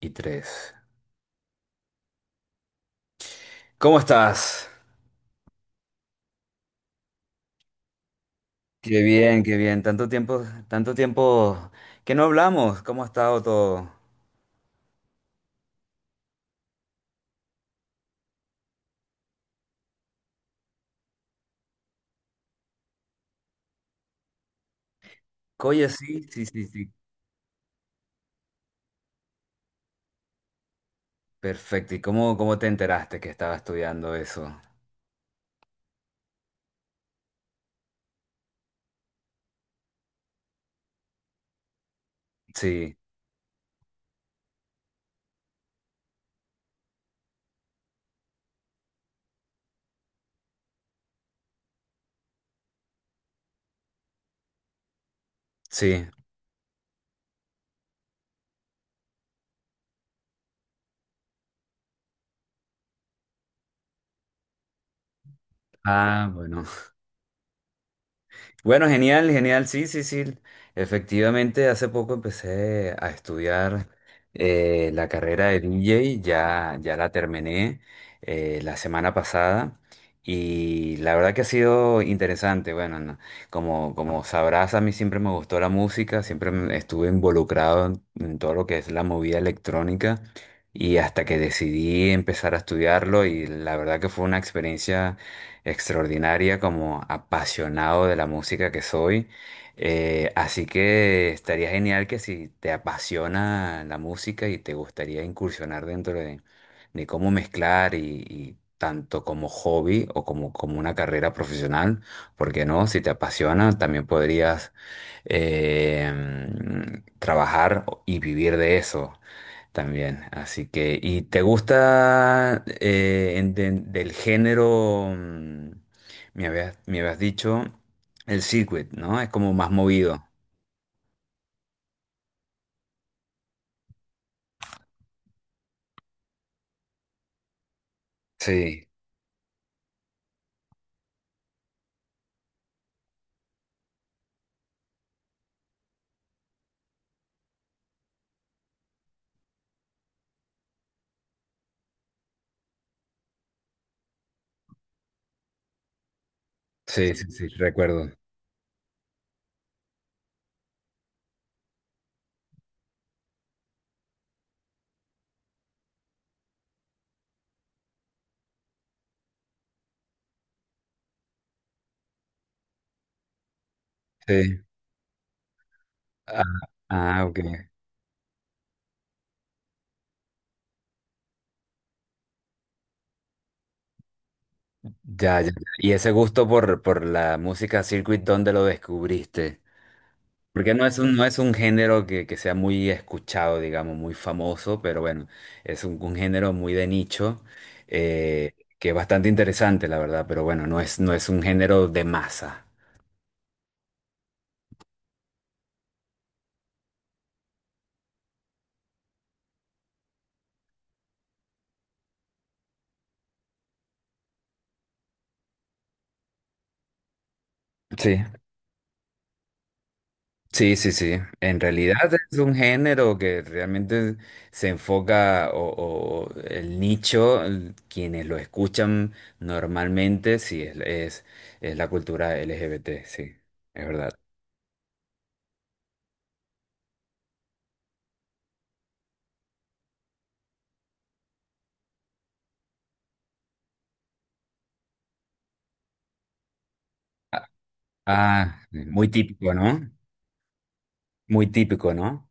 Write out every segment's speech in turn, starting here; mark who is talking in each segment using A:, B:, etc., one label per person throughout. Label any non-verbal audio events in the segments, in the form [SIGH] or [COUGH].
A: Y tres. ¿Cómo estás? Qué bien, qué bien. Tanto tiempo, que no hablamos. ¿Cómo ha estado todo? Oye, sí, sí, sí, sí. Perfecto. ¿Y cómo te enteraste que estaba estudiando eso? Sí, sí. Ah, bueno. Bueno, genial, genial, sí, sí, sí. Efectivamente, hace poco empecé a estudiar la carrera de DJ. Ya la terminé la semana pasada y la verdad que ha sido interesante. Bueno, no, como sabrás, a mí siempre me gustó la música, estuve involucrado en todo lo que es la movida electrónica y hasta que decidí empezar a estudiarlo y la verdad que fue una experiencia extraordinaria como apasionado de la música que soy. Así que estaría genial que si te apasiona la música y te gustaría incursionar de cómo mezclar y tanto como hobby o como, como una carrera profesional, porque no? Si te apasiona, también podrías eh, trabajar y vivir de eso. También, así que, ¿y te gusta del género, me habías dicho, el circuit, ¿no? Es como más movido. Sí, sí, sí, sí, recuerdo. Sí. Ah, ah, ok. Ya, ya. ya. ¿Y ese gusto por la música circuit, dónde lo descubriste? Porque no es un género que sea muy escuchado, digamos, muy famoso, pero bueno, es un género muy de nicho, eh, que es bastante interesante, la verdad, pero bueno, no es un género de masa. Sí, sí, sí, sí. En realidad es un género que realmente se enfoca o el nicho, quienes lo escuchan normalmente, sí, es la cultura LGBT, sí, es verdad. Ah, ah, muy típico, ¿no? Muy típico, ¿no?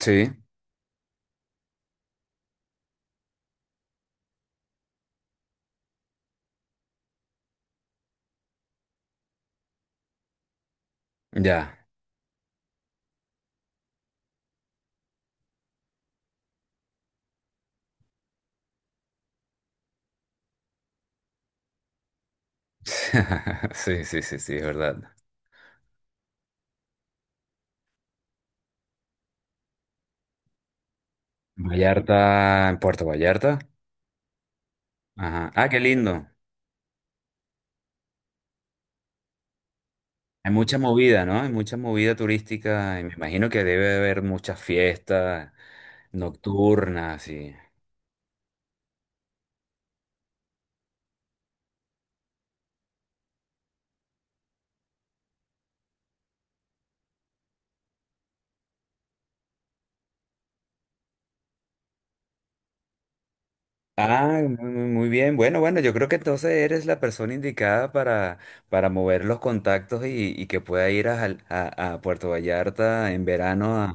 A: Sí, ya. [LAUGHS] Sí, sí, sí, sí, es verdad. [LAUGHS] Vallarta, en Puerto Vallarta. Ajá. Ah, qué lindo. Hay mucha movida, ¿no? Hay mucha movida turística. Y me imagino que debe haber muchas fiestas nocturnas y... Ah, muy, muy muy bien. Bueno, bueno, yo creo que entonces eres la persona indicada para mover los contactos y que pueda ir a, a Puerto Vallarta en verano a,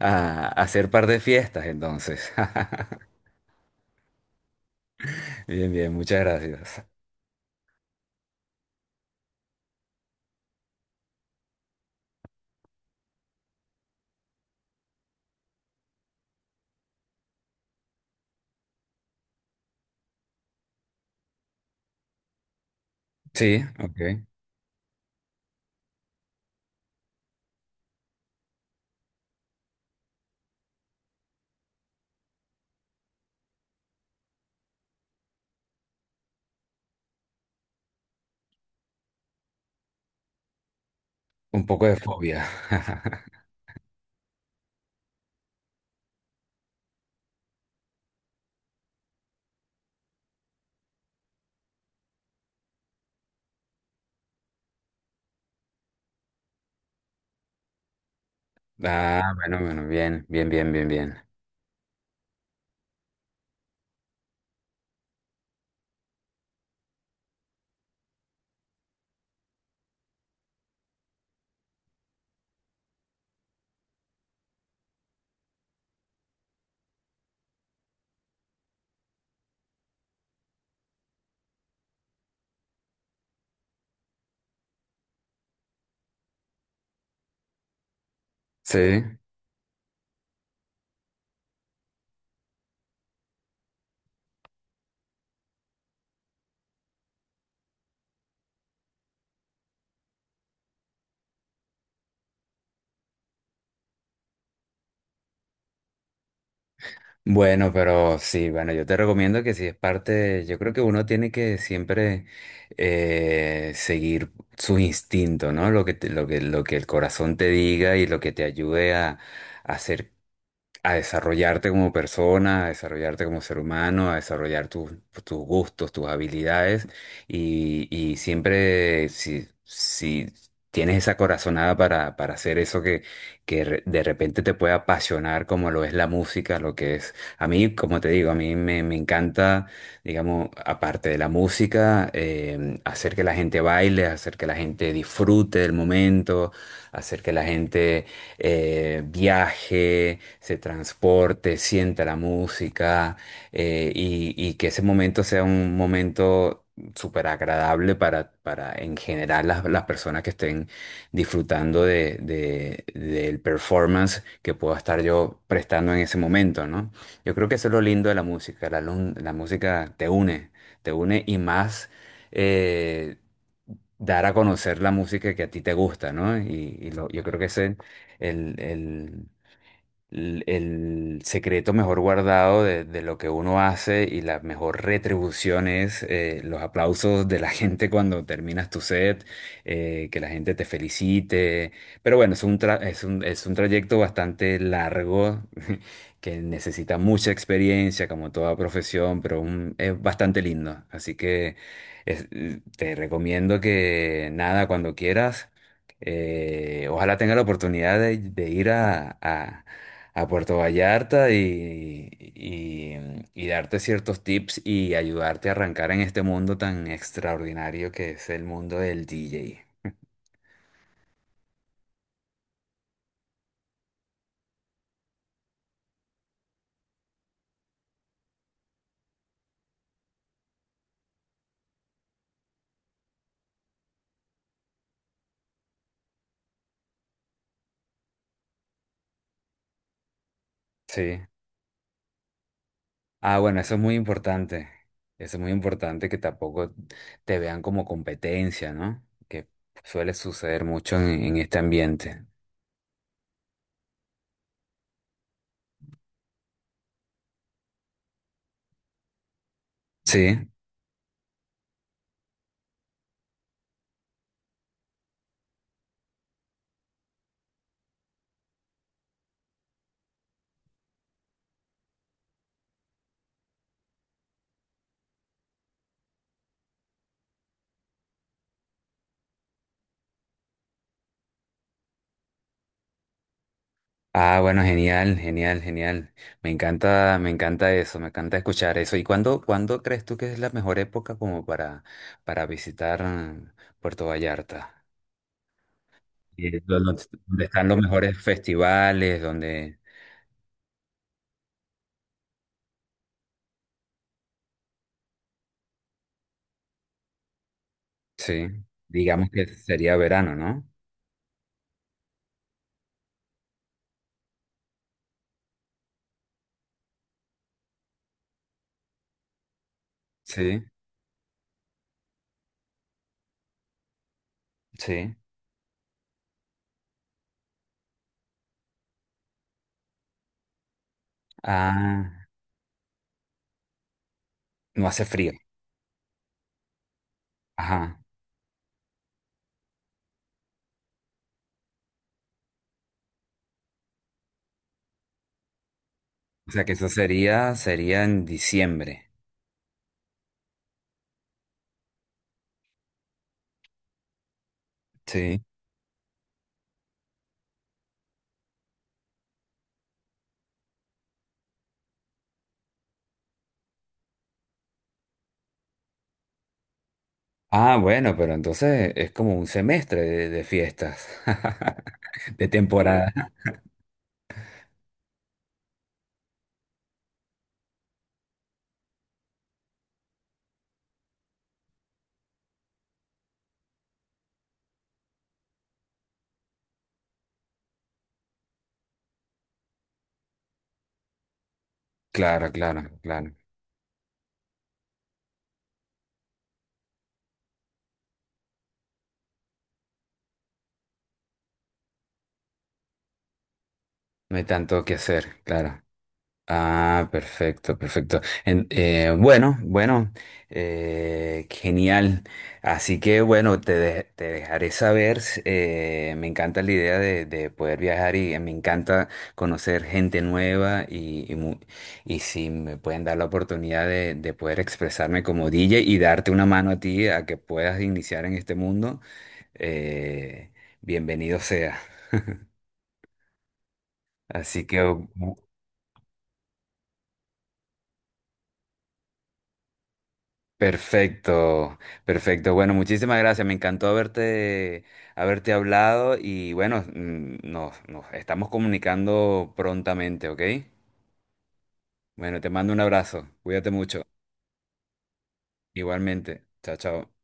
A: a hacer par de fiestas, entonces. [LAUGHS] Bien, bien, muchas gracias. Sí, ok. Un poco de fobia. [LAUGHS] Ah, bueno, bueno, bien, bien, bien, bien, bien. Sí. Bueno, pero sí, bueno, yo te recomiendo que si es parte, de- yo creo que uno tiene que siempre seguir su instinto, ¿no? Lo que, lo que el corazón te diga y lo que te ayude a hacer a desarrollarte como persona, a desarrollarte como ser humano, a desarrollar tus, tus gustos, tus habilidades y siempre si tienes esa corazonada para hacer eso que, de repente te puede apasionar como lo es la música, lo que es... A mí, como te digo, me encanta, digamos, aparte de la música, hacer que la gente baile, hacer que la gente disfrute del momento, hacer que la gente viaje, se transporte, sienta la música y que ese momento sea un momento súper agradable para en general las personas que estén disfrutando del performance que pueda estar yo prestando en ese momento, ¿no? Yo creo que eso es lo lindo de la música, la música te une y más... eh, dar a conocer la música que a ti te gusta, ¿no? Yo creo que ese el, el- el secreto mejor guardado de lo que uno hace y la mejor retribución es los aplausos de la [LAUGHS] gente cuando terminas tu set, que la gente te felicite. Pero bueno, es un trayecto bastante largo [LAUGHS] que necesita mucha experiencia, como toda profesión, pero es bastante lindo. Así que es- te recomiendo que nada, cuando quieras. Ojalá tenga la oportunidad de, a Puerto Vallarta y darte ciertos tips y ayudarte a arrancar en este mundo tan extraordinario que es el mundo del DJ. Sí. Ah, bueno, eso es muy importante. Eso es muy importante que tampoco te vean como competencia, ¿no? Que suele suceder mucho en este ambiente. Sí. Ah, bueno, genial, genial, genial. Me encanta eso, me encanta escuchar eso. ¿Y cuándo crees tú que es la mejor época como para visitar Puerto Vallarta? Donde están los mejores festivales, donde, sí, digamos que sería verano, ¿no? Sí, sí. Ah, no hace frío. Ajá. O sea que eso sería, sería en diciembre. Sí. Ah, bueno, pero entonces es como un semestre de fiestas. [LAUGHS] De temporada. Claro, claro, claro. No hay tanto que hacer, claro. Ah, perfecto, perfecto. Bueno, bueno, genial. Así que bueno, te dejaré saber. Me encanta la idea de poder viajar y me encanta conocer gente nueva y si me pueden dar la oportunidad de poder expresarme como DJ y darte una mano a ti a que puedas iniciar en este mundo, eh, bienvenido sea. Así que perfecto, perfecto. Bueno, muchísimas gracias. Me encantó haberte hablado y bueno, nos estamos comunicando prontamente, ¿ok? Bueno, te mando un abrazo. Cuídate mucho. Igualmente. Chao, chao.